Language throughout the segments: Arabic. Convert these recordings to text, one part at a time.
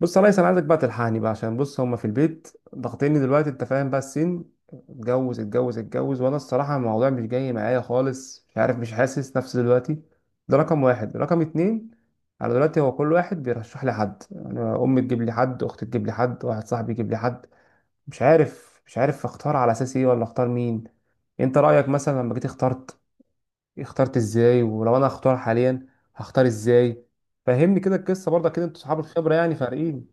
بص يا ريس، انا عايزك بقى تلحقني بقى. عشان بص، هما في البيت ضاغطيني دلوقتي. انت فاهم بقى؟ السن، اتجوز اتجوز اتجوز، وانا الصراحه الموضوع مش جاي معايا خالص. مش عارف، مش حاسس نفسي دلوقتي. ده رقم واحد. رقم اتنين، انا دلوقتي هو كل واحد بيرشح لي حد. يعني امي تجيب لي حد، اختي تجيب لي حد، واحد صاحبي يجيب لي حد. مش عارف اختار على اساس ايه، ولا اختار مين. انت رايك مثلا لما جيت اخترت، اخترت ازاي؟ ولو انا هختار حاليا، هختار ازاي؟ فهمني كده القصه برضه، كده انتوا اصحاب الخبره يعني فارقين.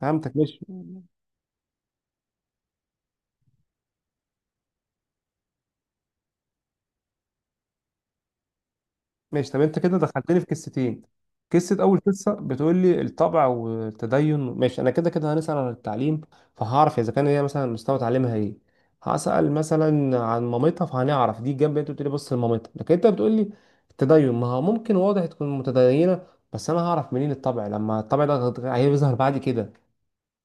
فهمتك، ماشي. ماشي، طب انت كده دخلتني في قصتين. أول قصة بتقول لي الطبع والتدين. ماشي، أنا كده كده هنسأل عن التعليم، فهعرف إذا كان هي مثلا مستوى تعليمها إيه. هسأل مثلا عن مامتها فهنعرف دي الجنب اللي أنت بتقول لي بص لمامتها، لكن أنت بتقول لي التدين، ما هو ممكن واضح تكون متدينة، بس أنا هعرف منين الطبع؟ لما الطبع ده هيظهر بعد كده،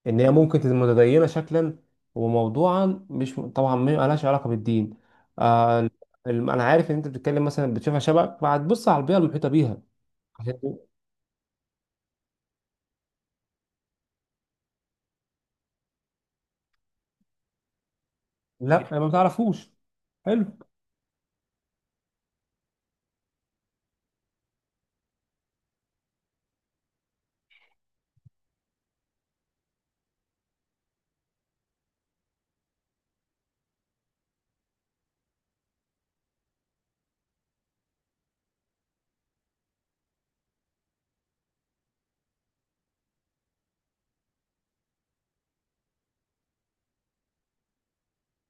ان هي ممكن تبقى متدينه شكلا وموضوعا مش طبعا، ما لهاش علاقه بالدين. آه. انا عارف ان انت بتتكلم مثلا، بتشوفها شبك فهتبص على البيئه المحيطه بيها. عشان- لا، ما بتعرفوش. حلو.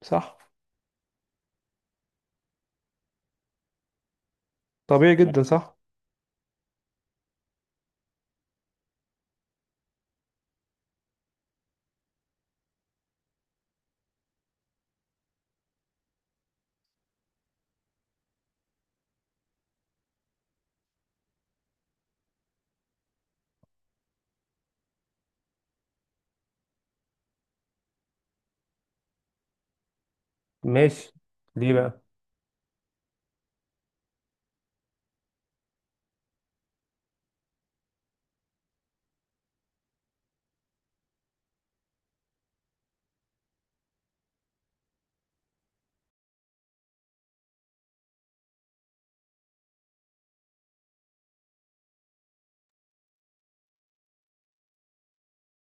صح. طبيعي جدا. صح. ماشي. ليه بقى؟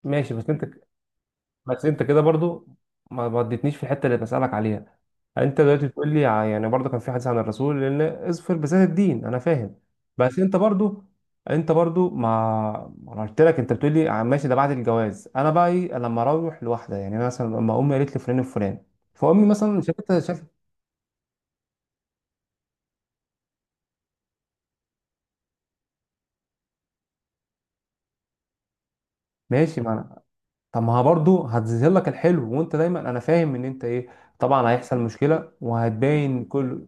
ماشي. بس انت كده برضو ما اديتنيش في الحته اللي بسالك عليها. يعني انت دلوقتي بتقول لي يعني برضو كان في حديث عن الرسول، لان اظفر بذات الدين، انا فاهم. بس انت برضو انت برضو ما انا قلت لك، انت بتقول لي ماشي، ده بعد الجواز. انا بقى ايه لما اروح لوحده؟ يعني أنا مثلا لما امي قالت لي فلان وفلان، فامي مثلا شافتها شافت. ماشي ما انا. طب، ما برضو هتظهر لك الحلو، وانت دايما انا فاهم ان انت ايه. طبعا هيحصل مشكله وهتبين كله.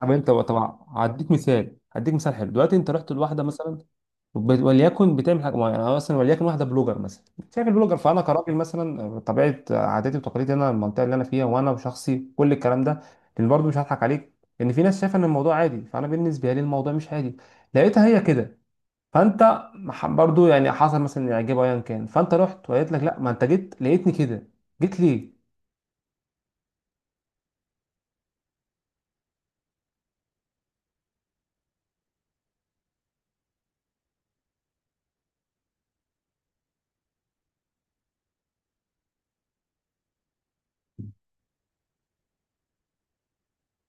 طب انت طبعا هديك مثال حلو. دلوقتي انت رحت لواحده مثلا، وليكن بتعمل حاجه معينه، انا مثلا وليكن واحده بلوجر مثلا. شايف البلوجر؟ فانا كراجل مثلا، طبيعه عاداتي وتقاليدي، انا المنطقه اللي انا فيها، وانا وشخصي، كل الكلام ده، لان برضه مش هضحك عليك، ان في ناس شايفه ان الموضوع عادي، فانا بالنسبه لي الموضوع مش عادي. لقيتها هي كده، فانت برضه يعني حصل مثلا اعجاب ايا كان، فانت رحت وقالت لك لا، ما انت جيت لقيتني كده، جيت ليه؟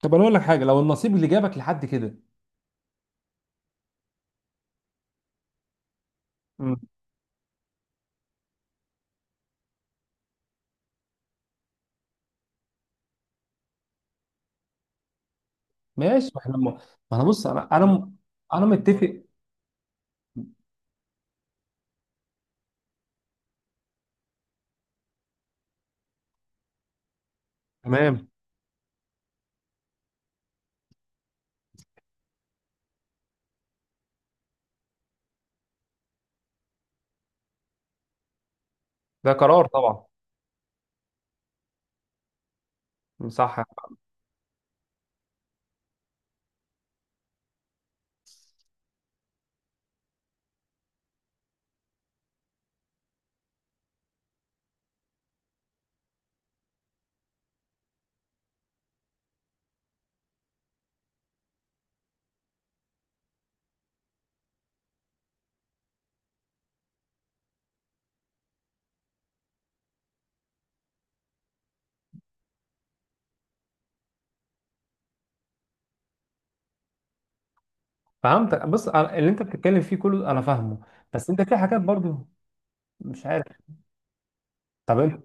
طب انا اقول لك حاجه، لو النصيب اللي جابك لحد كده. ماشي ما احنا ما. انا بص انا متفق. تمام. ده قرار طبعا. صح. فهمتك. اللي انت بتتكلم فيه كله انا فاهمه. بس انت في حاجات برضو مش عارف. طب انت،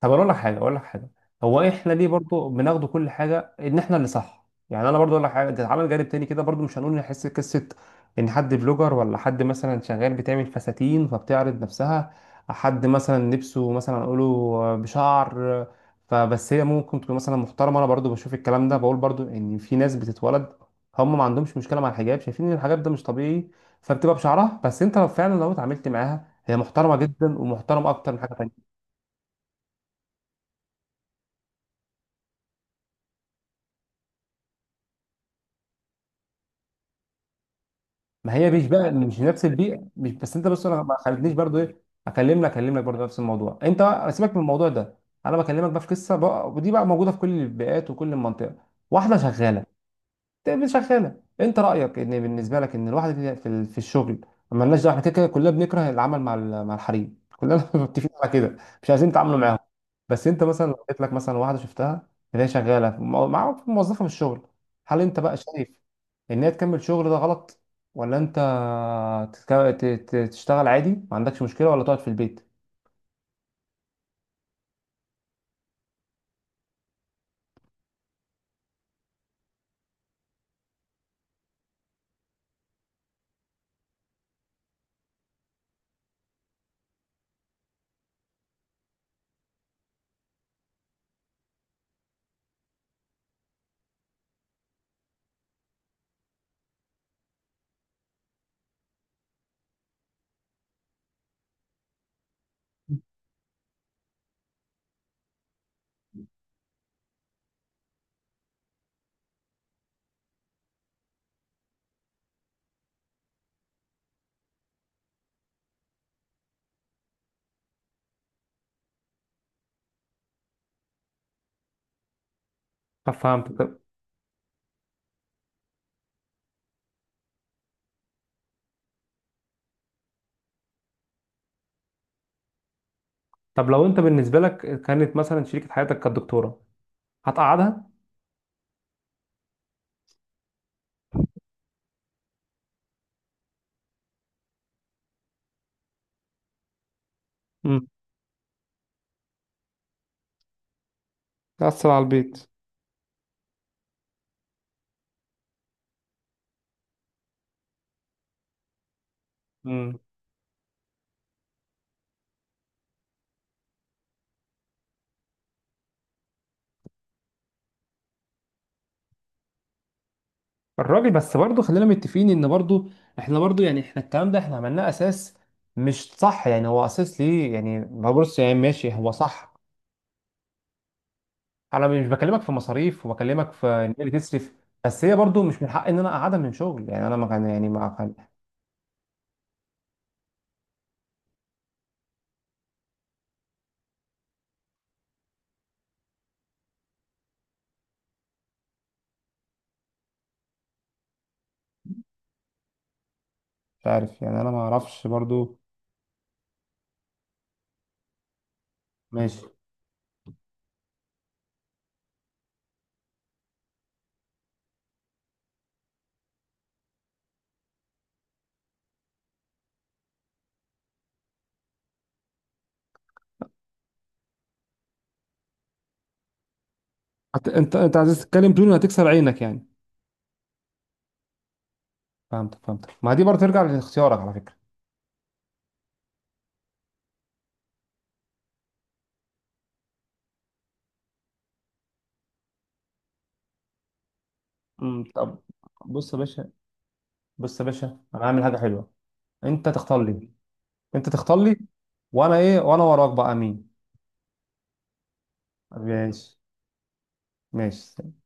طب، اقول لك حاجه. هو احنا ليه برضو بناخد كل حاجه ان احنا اللي صح؟ يعني انا برضو اقول لك حاجه. ده اتعمل جانب تاني كده برضو، مش هنقول نحس قصه، ان حد بلوجر، ولا حد مثلا شغال بتعمل فساتين فبتعرض نفسها، حد مثلا لبسه مثلا نقوله بشعر، فبس هي ممكن تكون مثلا محترمه. انا برضو بشوف الكلام ده، بقول برضو ان في ناس بتتولد هم ما عندهمش مشكله مع الحجاب، شايفين ان الحجاب ده مش طبيعي، فبتبقى بشعرها، بس انت لو فعلا لو اتعاملت معاها، هي محترمه جدا، ومحترمه اكتر من حاجه تانيه. ما هي مش نفس البيئه. مش بس انت بص، انا ما خلتنيش برضو ايه. اكلمك برضو نفس الموضوع. انت بقى سيبك من الموضوع ده. انا بكلمك بقى في قصه بقى، ودي بقى موجوده في كل البيئات وكل المنطقه. واحده شغاله تقابل شغاله. انت رايك ان بالنسبه لك ان الواحد في الشغل ما لناش دعوه، احنا كده كده كلنا بنكره العمل مع مع الحريم كلنا متفقين على كده. مش عايزين نتعاملوا معاهم. بس انت مثلا لو جات لك مثلا واحده شفتها، اللي هي شغاله في مع في موظفه في الشغل، هل انت بقى شايف ان هي تكمل شغل ده غلط؟ ولا انت تشتغل عادي ما عندكش مشكله؟ ولا تقعد في البيت؟ طب فهمت. طب، لو انت بالنسبه لك كانت مثلا شريكه حياتك كانت دكتوره، هتقعدها؟ امم. تأثر على البيت. الراجل، بس برضه خلينا متفقين ان برضه احنا برضه، يعني احنا الكلام ده احنا عملناه اساس، مش صح؟ يعني هو اساس ليه يعني؟ ما بص، يعني ماشي، هو صح. انا مش بكلمك في مصاريف، وبكلمك في ان هي بتصرف، بس هي برضه مش من حق ان انا اقعدها من شغل. يعني انا ما كان يعني ما كان. مش عارف، يعني انا ما اعرفش برضه. ماشي. انت عايز تتكلم بدون ما هتكسر عينك يعني. فهمتك، فهمتك، ما دي برضه ترجع لاختيارك على فكرة. امم، طب. بص يا باشا بص يا باشا، انا هعمل حاجة حلوة. انت تختار لي، انت تختار لي، وانا ايه وانا وراك بقى مين. ماشي. ماشي.